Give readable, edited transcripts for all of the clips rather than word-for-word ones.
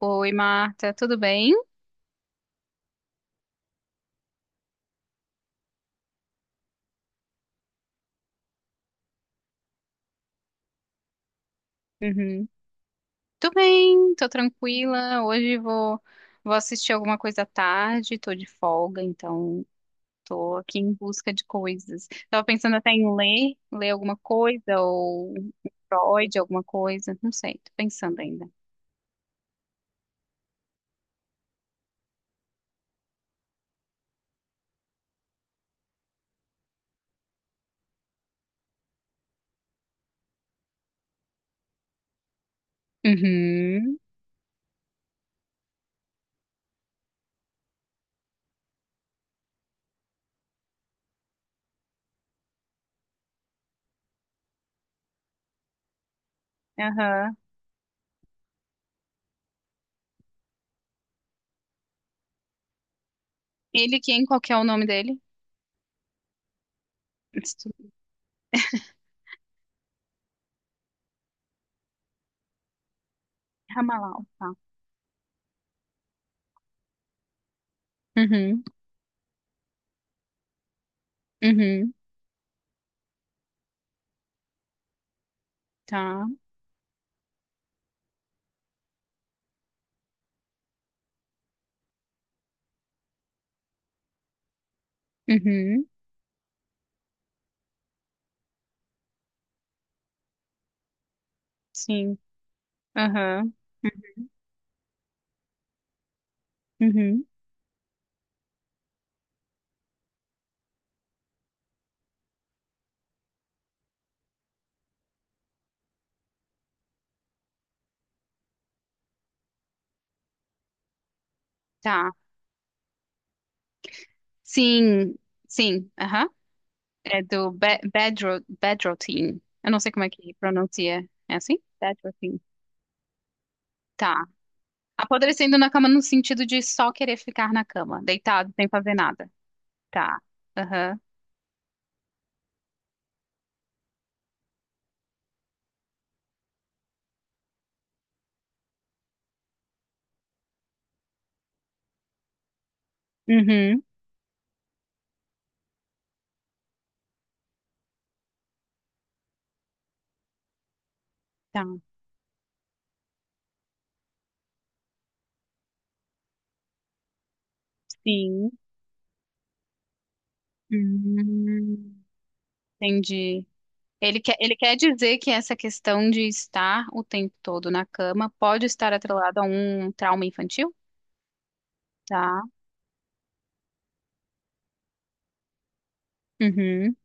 Oi, Marta, tudo bem? Uhum. Tô bem, tô tranquila. Hoje vou assistir alguma coisa à tarde, tô de folga, então tô aqui em busca de coisas. Tava pensando até em ler alguma coisa, ou um Freud, alguma coisa, não sei, tô pensando ainda. Uhum, aham. Ele quem? Qual que é o nome dele? Ramalau, tá. Uhum, uhum, tá. Uhum, sim, aham. Uhum. Tá. Sim, sim, aham. É do Be Bedro Bedrotin. Eu não sei como é que pronuncia. É assim? Bedrotin. Tá. Apodrecendo na cama no sentido de só querer ficar na cama, deitado, sem fazer nada. Tá. Aham. Uhum. Tá. Sim. Hum, Entendi. Ele quer dizer que essa questão de estar o tempo todo na cama pode estar atrelada a um trauma infantil? Tá. Uhum.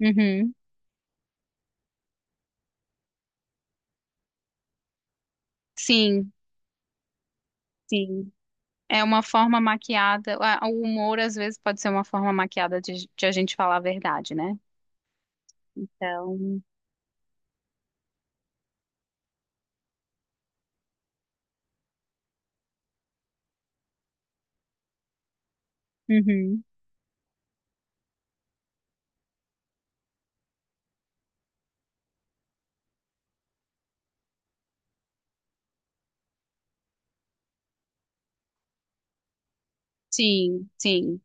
Uhum. Sim. Sim. É uma forma maquiada. O humor, às vezes, pode ser uma forma maquiada de a gente falar a verdade, né? Então. Uhum. Sim, sim.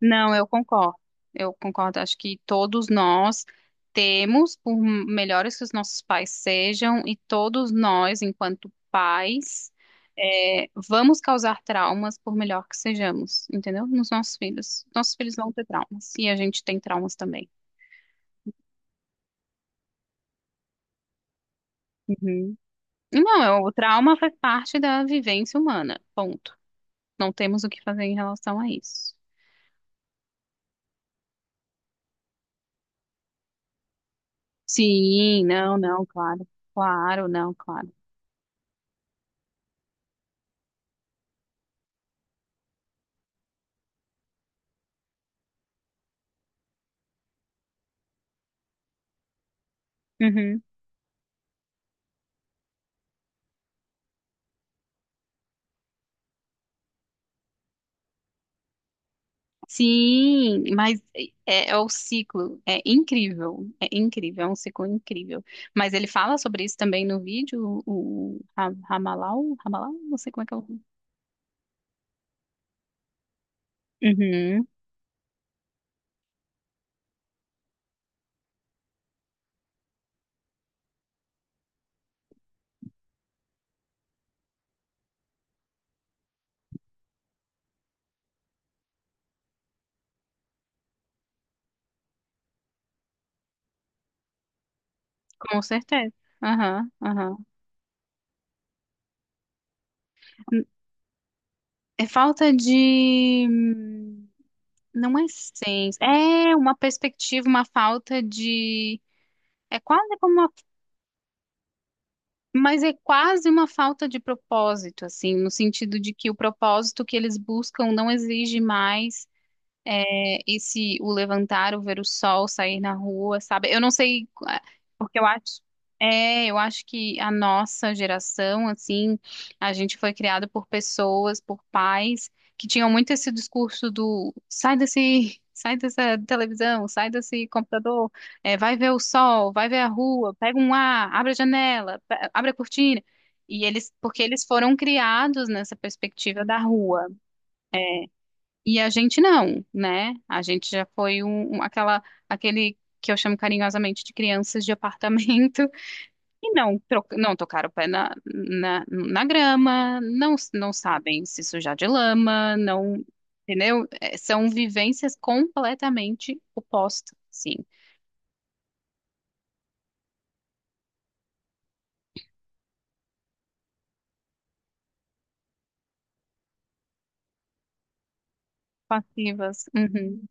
Não, eu concordo. Eu concordo. Acho que todos nós temos, por melhores que os nossos pais sejam, e todos nós, enquanto pais, vamos causar traumas, por melhor que sejamos, entendeu? Nos nossos filhos. Nossos filhos vão ter traumas. E a gente tem traumas também. Uhum. Não, o trauma faz parte da vivência humana. Ponto. Não temos o que fazer em relação a isso. Sim, não, não, claro. Claro, não, claro. Uhum. Sim, mas é o ciclo. É incrível. É incrível, é um ciclo incrível. Mas ele fala sobre isso também no vídeo, o Ramalau, Ramalau, não sei como é que é o nome. Uhum, com certeza. Aham, aham. É falta de. Não é senso. É uma perspectiva, uma falta de. É quase como uma. Mas é quase uma falta de propósito, assim, no sentido de que o propósito que eles buscam não exige mais. Esse o levantar, o ver o sol, sair na rua, sabe? Eu não sei, porque eu acho que a nossa geração, assim, a gente foi criado por pessoas, por pais que tinham muito esse discurso do sai desse, sai dessa televisão, sai desse computador, vai ver o sol, vai ver a rua, pega um ar, abre a janela, abre a cortina. E eles, porque eles foram criados nessa perspectiva da rua. E a gente não, né? A gente já foi aquele que eu chamo carinhosamente de crianças de apartamento e não, não tocaram o pé na, grama, não sabem se sujar de lama, não, entendeu? São vivências completamente opostas, sim, passivas, uhum.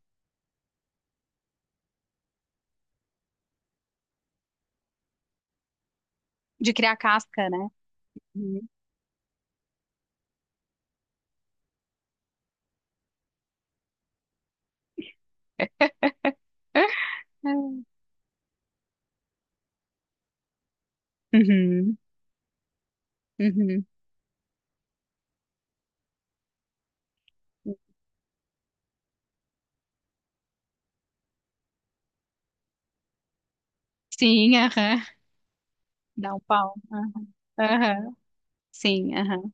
De criar casca, né? Uhum. É. Uhum. Uhum. Sim, aham. Dá um pau. Aham. Sim, aham.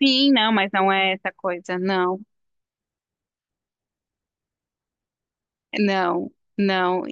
Sim, não, mas não é essa coisa, não, não, não.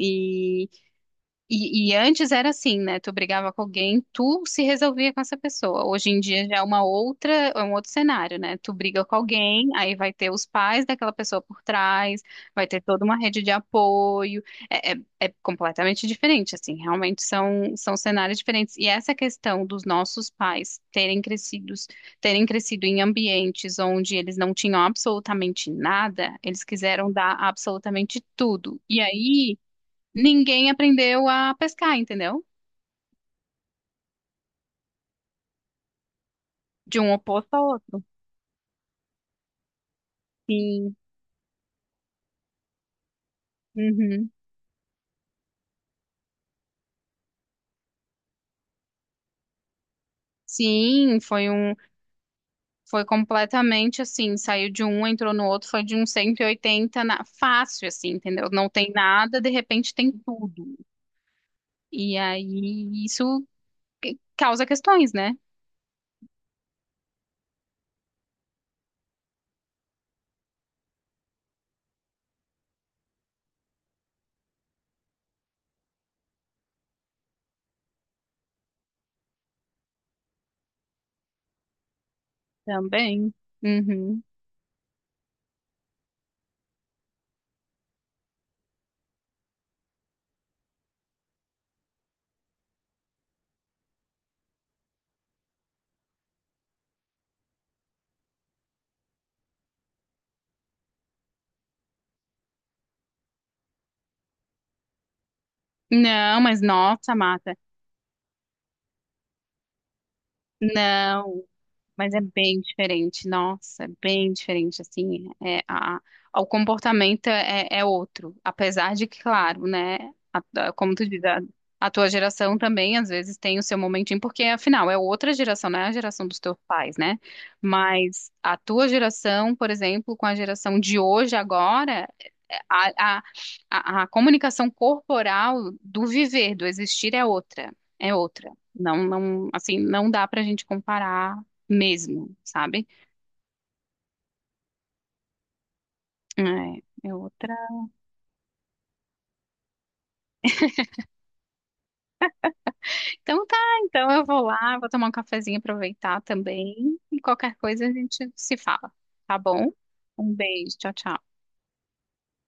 E antes era assim, né? Tu brigava com alguém, tu se resolvia com essa pessoa. Hoje em dia já é uma outra, é um outro cenário, né? Tu briga com alguém, aí vai ter os pais daquela pessoa por trás, vai ter toda uma rede de apoio. É completamente diferente, assim. Realmente são cenários diferentes. E essa questão dos nossos pais terem crescido em ambientes onde eles não tinham absolutamente nada, eles quiseram dar absolutamente tudo. E aí ninguém aprendeu a pescar, entendeu? De um oposto ao outro. Sim. Uhum. Sim, foi completamente assim, saiu de um, entrou no outro, foi de um 180 na, fácil assim, entendeu? Não tem nada, de repente tem tudo. E aí isso causa questões, né? Também. Uhum. Não, mas nossa, Mata. Não. Mas é bem diferente, nossa, é bem diferente, assim, o comportamento é outro, apesar de que, claro, né, a- como tu diz, a tua geração também, às vezes, tem o seu momentinho, porque, afinal, é outra geração, não é a geração dos teus pais, né, mas a tua geração, por exemplo, com a geração de hoje, agora, a, a, a comunicação corporal do viver, do existir é outra, é outra. Não, não, assim, não dá pra gente comparar mesmo, sabe? É, é outra. Então tá, então eu vou lá, vou tomar um cafezinho, aproveitar também. E qualquer coisa a gente se fala, tá bom? Um beijo, tchau, tchau.